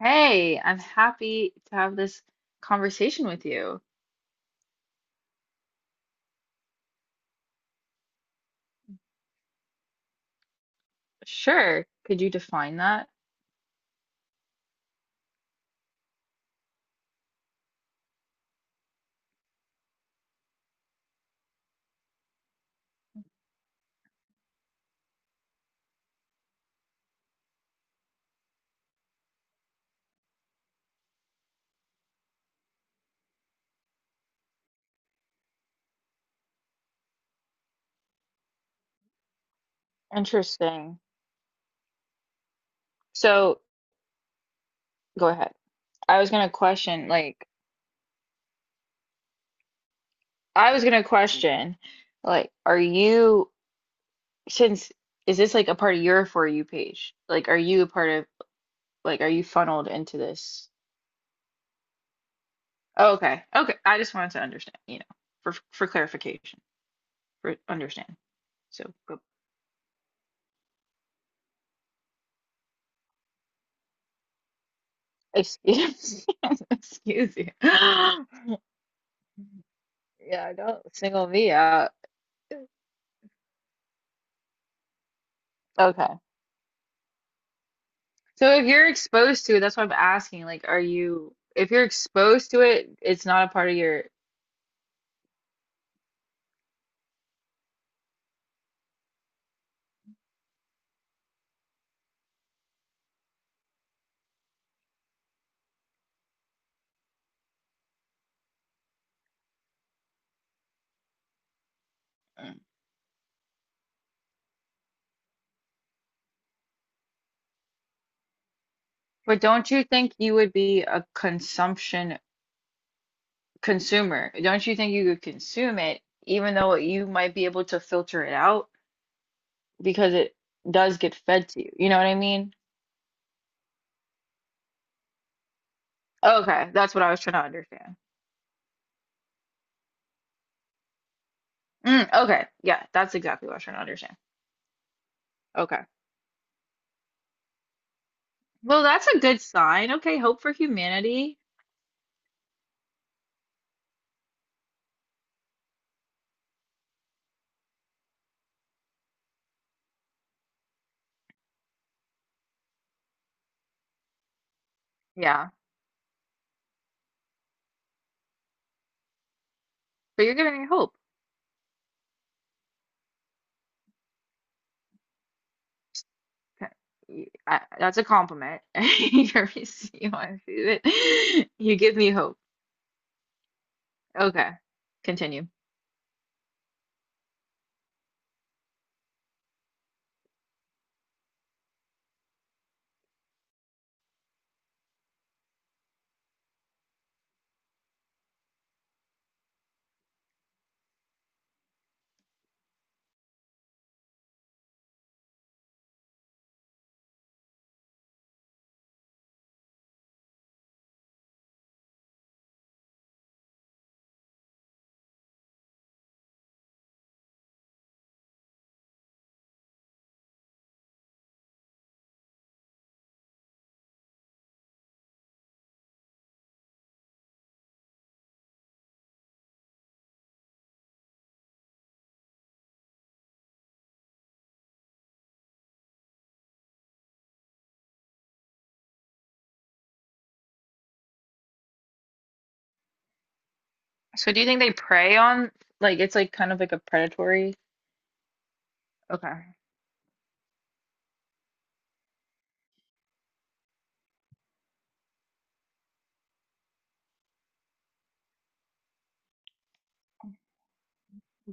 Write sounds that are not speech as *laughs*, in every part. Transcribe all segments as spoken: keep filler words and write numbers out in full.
Hey, I'm happy to have this conversation with you. Sure. Could you define that? Interesting. So, go ahead. I was gonna question, like, I was gonna question, like, are you, since, is this like a part of your For You page? Like, are you a part of, like, are you funneled into this? Oh, okay. Okay. I just wanted to understand, you know, for for clarification, for understand. So, go- excuse, *laughs* excuse you. *gasps* Yeah, don't single me out. Okay. So if you're exposed to it, that's what I'm asking. Like, are you, if you're exposed to it, it's not a part of your, but don't you think you would be a consumption consumer? Don't you think you could consume it, even though you might be able to filter it out because it does get fed to you? You know what I mean? Okay, that's what I was trying to understand. Mm, okay, yeah, that's exactly what I was trying to understand. Okay. Well, that's a good sign. Okay, hope for humanity. Yeah. But you're giving me hope. You- I, that's a compliment. *laughs* you you want to see it. You give me hope. Okay, continue. So do you think they prey on, like, it's like kind of like a predatory? Okay.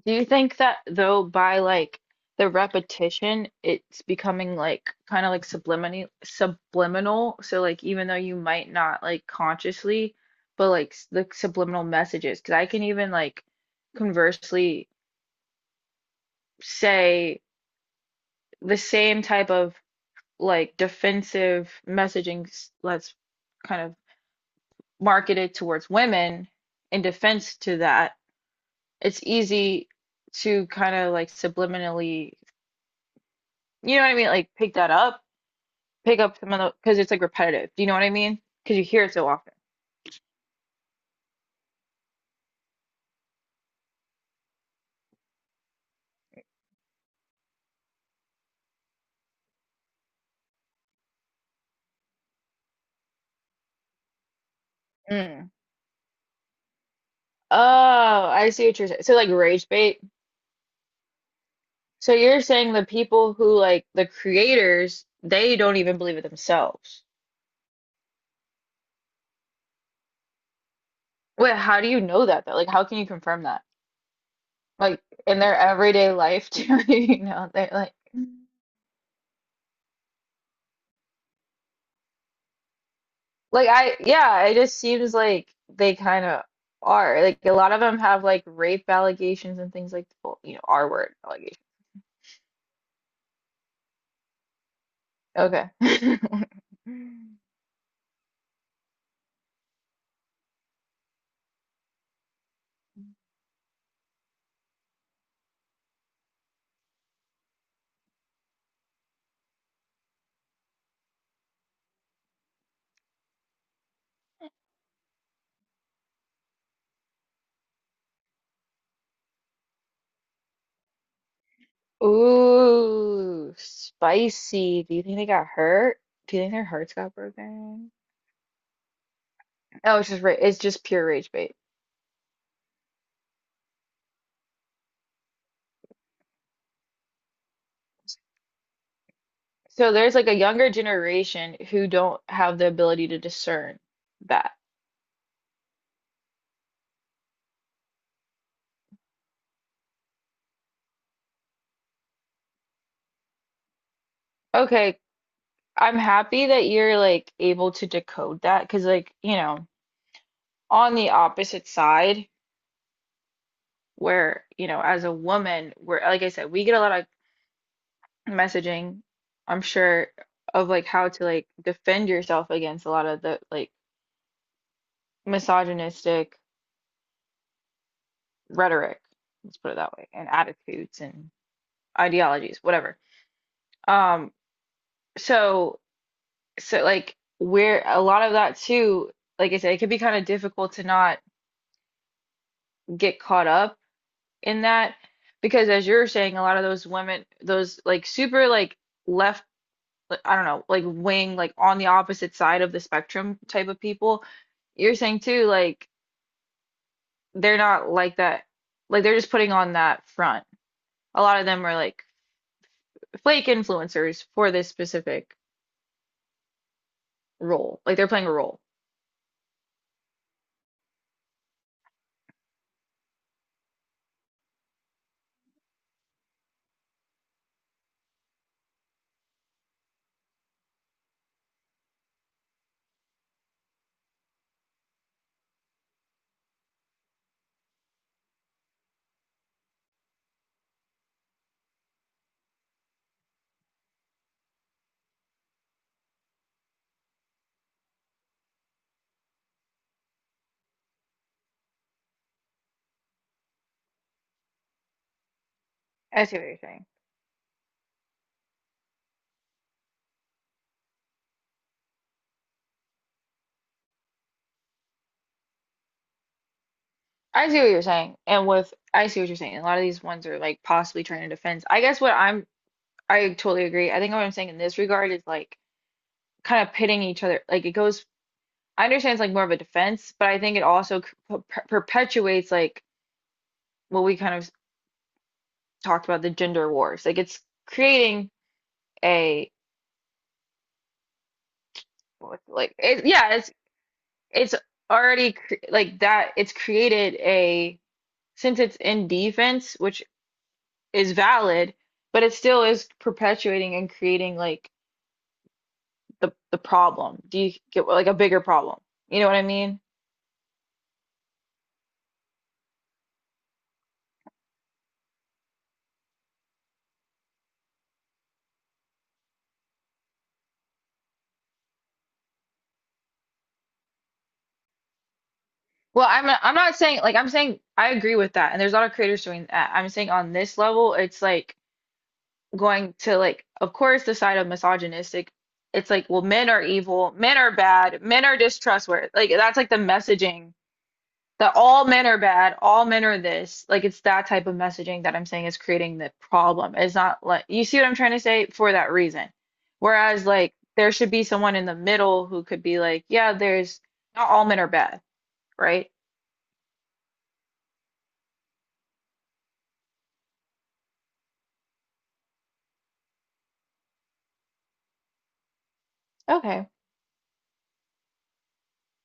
Do you think that though, by like the repetition, it's becoming like kind of like subliminal, subliminal. So like even though you might not, like, consciously, but like s- the subliminal messages. Because I can even like conversely say the same type of like defensive messaging that's kind of marketed towards women in defense to that, it's easy to kind of like subliminally, you know what I mean, like pick that up, pick up some of the, because it's like repetitive, do you know what I mean, because you hear it so often. Mm. Oh, I see what you're saying, so like rage bait. So you're saying the people who, like, the creators, they don't even believe it themselves? Wait, how do you know that though? Like how can you confirm that, like in their everyday life too? *laughs* You know, they're like like I yeah, it just seems like they kind of are. Like a lot of them have like rape allegations and things like, well, you know, R word allegations. Okay. *laughs* Ooh, spicy. Do you think they got hurt? Do you think their hearts got broken? Oh, it's just ra it's just pure rage bait. So there's like a younger generation who don't have the ability to discern that. Okay, I'm happy that you're like able to decode that, because like, you know, on the opposite side where, you know, as a woman, we're like I said, we get a lot of messaging, I'm sure, of like how to like defend yourself against a lot of the like misogynistic rhetoric, let's put it that way, and attitudes and ideologies, whatever. Um, so so like we're a lot of that too, like I said, it can be kind of difficult to not get caught up in that, because as you're saying, a lot of those women, those like super like left, like, I don't know, like wing, like on the opposite side of the spectrum type of people you're saying too, like they're not like that, like they're just putting on that front, a lot of them are like fake influencers for this specific role, like they're playing a role. I see what you're saying. I see what you're saying and with I see what you're saying, a lot of these ones are like possibly trying to defend, I guess what I'm, I totally agree, I think what I'm saying in this regard is like kind of pitting each other. Like it goes, I understand it's like more of a defense, but I think it also per- perpetuates like what we kind of talked about, the gender wars. Like it's creating a what's it like it, yeah, it's it's already cre like that. It's created a, since it's in defense, which is valid, but it still is perpetuating and creating like the the problem. Do you get, like, a bigger problem? You know what I mean? Well, I'm not- I'm not saying like, I'm saying I agree with that, and there's a lot of creators doing that. I'm saying on this level, it's like going to, like, of course, the side of misogynistic. It's like, well, men are evil, men are bad, men are distrustworthy. Like that's like the messaging that all men are bad, all men are this. Like it's that type of messaging that I'm saying is creating the problem. It's not, like, you see what I'm trying to say for that reason. Whereas like there should be someone in the middle who could be like, yeah, there's not all men are bad, right? Okay.